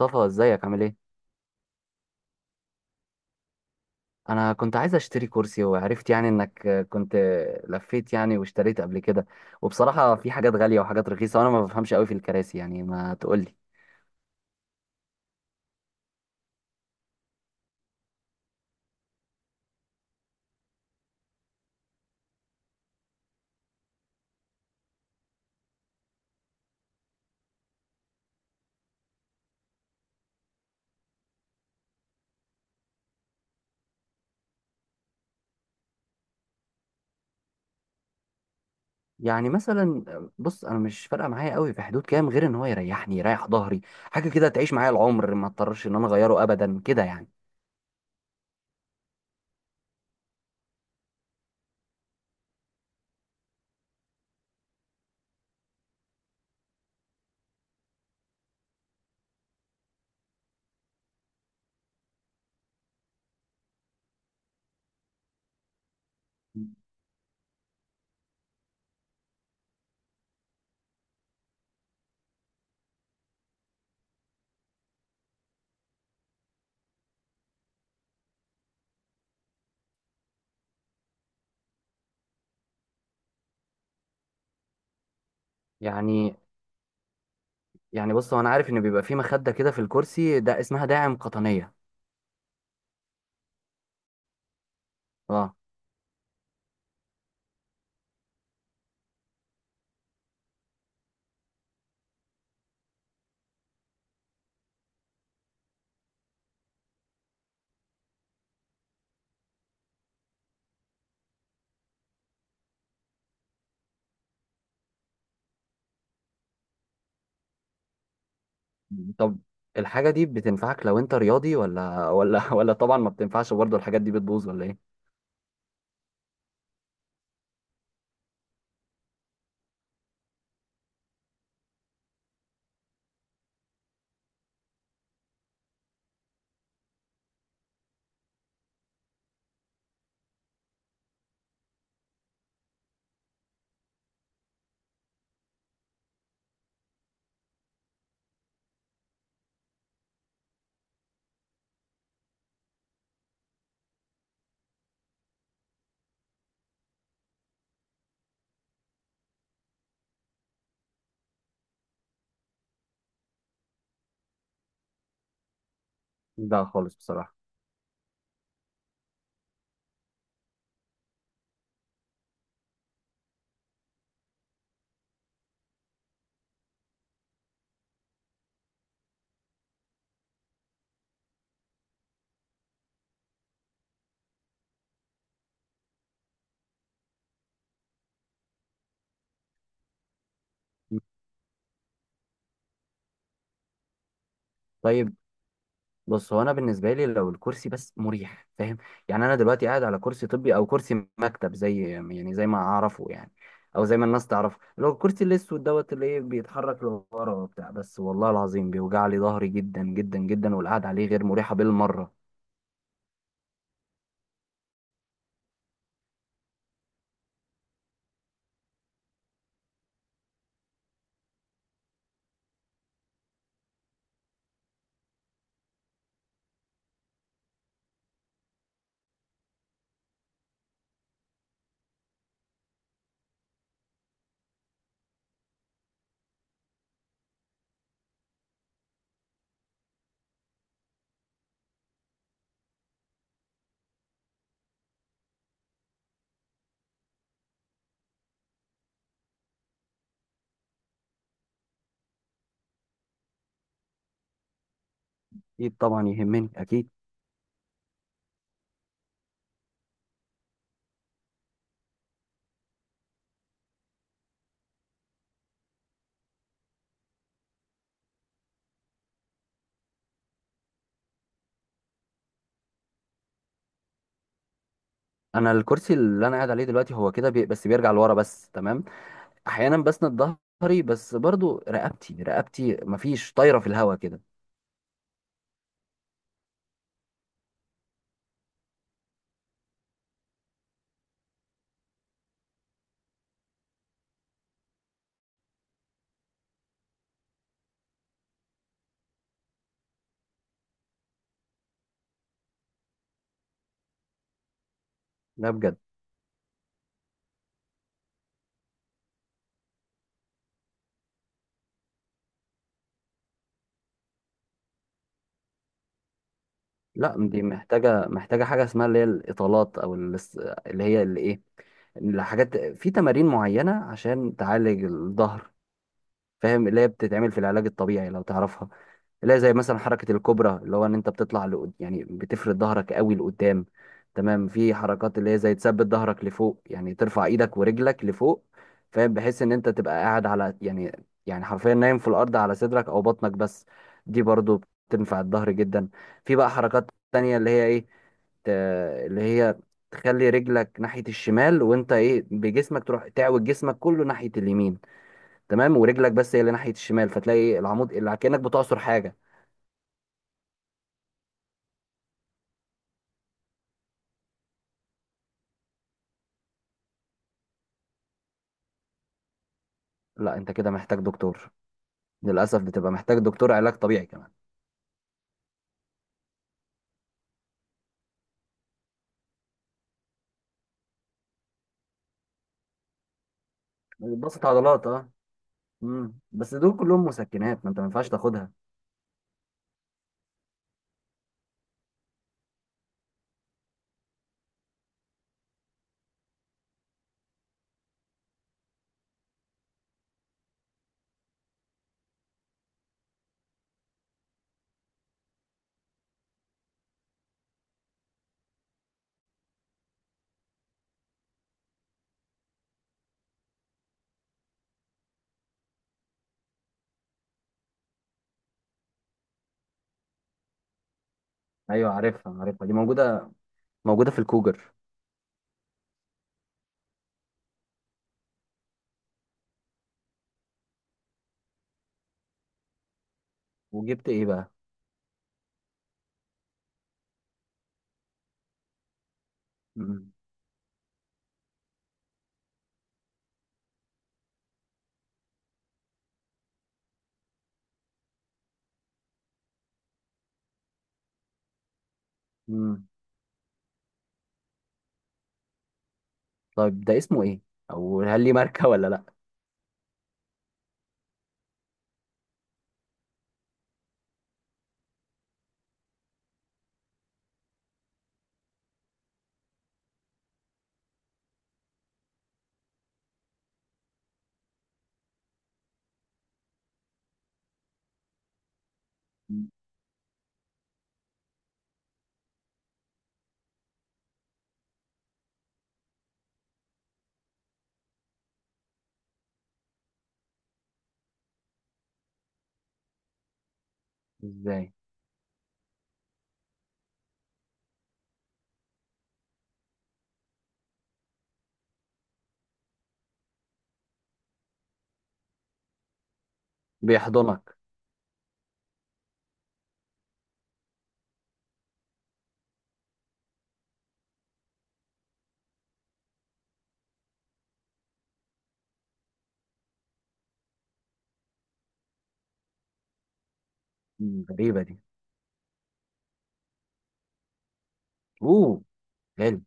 مصطفى ازيك عامل ايه؟ انا كنت عايز اشتري كرسي وعرفت انك كنت لفيت واشتريت قبل كده، وبصراحة في حاجات غالية وحاجات رخيصة وانا ما بفهمش قوي في الكراسي، يعني ما تقولي. يعني مثلا بص، انا مش فارقة معايا قوي في حدود كام، غير ان هو يريحني يريح ظهري، حاجة كده تعيش معايا العمر ما اضطرش ان انا اغيره ابدا كده يعني بص. هو انا عارف ان بيبقى في مخدة كده في الكرسي ده اسمها داعم قطنية. اه. طب الحاجة دي بتنفعك لو انت رياضي ولا ولا طبعا ما بتنفعش؟ برضه الحاجات دي بتبوظ ولا ايه؟ لا خالص بصراحة. طيب بص، هو انا بالنسبة لي لو الكرسي بس مريح، فاهم؟ يعني انا دلوقتي قاعد على كرسي طبي او كرسي مكتب زي زي ما اعرفه، يعني او زي ما الناس تعرفه، اللي هو الكرسي الاسود دوت اللي ايه بيتحرك لورا وبتاع، بس والله العظيم بيوجع لي ظهري جدا جدا جدا، والقعدة عليه غير مريحة بالمرة. اكيد طبعا يهمني اكيد. انا الكرسي اللي انا قاعد عليه دلوقتي هو كده بس بيرجع لورا بس، تمام. احيانا بسند ظهري، بس برضو رقبتي مفيش، طايره في الهوا كده. لا بجد. لا، دي محتاجه حاجه اسمها اللي هي الاطالات او اللي هي اللي ايه، الحاجات، في تمارين معينه عشان تعالج الظهر، فاهم؟ اللي هي بتتعمل في العلاج الطبيعي، لو تعرفها. اللي هي زي مثلا حركة الكوبرا، اللي هو ان انت بتطلع لقد... يعني بتفرد ظهرك قوي لقدام. تمام. في حركات اللي هي زي تثبت ظهرك لفوق، يعني ترفع ايدك ورجلك لفوق، فاهم؟ بحيث ان انت تبقى قاعد على حرفيا نايم في الارض على صدرك او بطنك بس. دي برضو بتنفع الظهر جدا. في بقى حركات تانية اللي هي ايه، ت- اللي هي تخلي رجلك ناحية الشمال، وانت ايه بجسمك تروح تعوج جسمك كله ناحية اليمين، تمام، ورجلك بس هي اللي ناحيه الشمال، فتلاقي العمود اللي كانك بتعصر حاجه. لا انت كده محتاج دكتور. للاسف بتبقى محتاج دكتور علاج طبيعي كمان. بسط عضلات، اه. بس دول كلهم مسكنات، ما انت ما ينفعش تاخدها. ايوه، عارفها دي موجوده، موجوده في الكوجر. وجبت ايه بقى؟ امم امم طيب ده اسمه ايه؟ او هل ليه ماركه ولا لا؟ مم. ازاي؟ بيحضنك. مم، غريبه دي. اوه، غالي.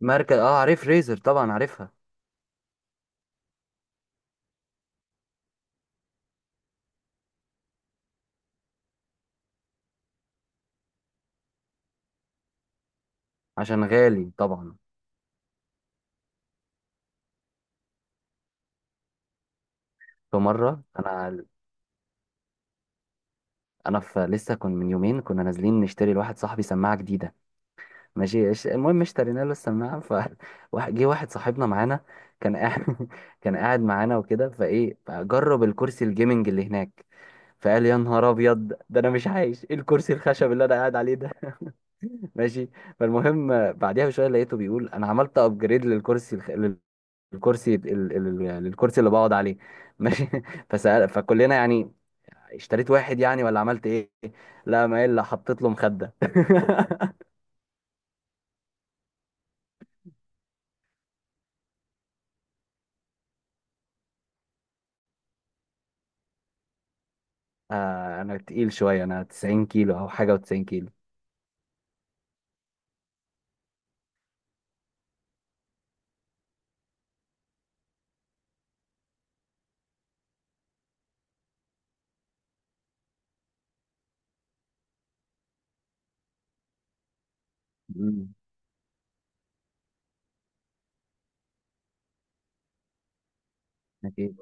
ماركه، اه عارف ريزر، طبعا عارفها. عشان غالي طبعا. في مره انا، انا في لسه كنت من يومين كنا نازلين نشتري لواحد صاحبي سماعه جديده. ماشي، المهم اشترينا له السماعه، ف جه واحد صاحبنا معانا كان قاعد، كان قاعد معانا وكده، فايه جرب الكرسي الجيمنج اللي هناك، فقال يا نهار ابيض ده انا مش عايش، ايه الكرسي الخشب اللي انا قاعد عليه ده؟ ماشي. فالمهم بعديها بشويه لقيته بيقول انا عملت ابجريد للكرسي الخ... للكرسي ال... ال... ال- للكرسي اللي بقعد عليه. ماشي. فسأل فكلنا، يعني اشتريت واحد يعني ولا عملت ايه؟ لا، ما الا حطيت له مخدة. آه انا تقيل شوية، انا 90 كيلو او حاجة، و90 كيلو. مم. اكيد،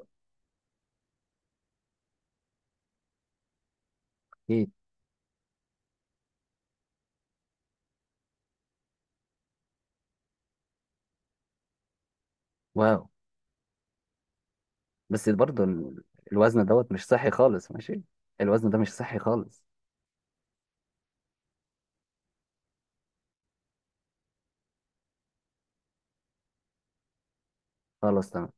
اكيد. واو. بس برضه الوزن دوت مش صحي خالص، ماشي. الوزن ده مش صحي خالص. خلاص تمام.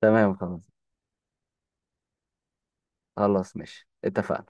تمام خلاص. خلاص ماشي، اتفقنا.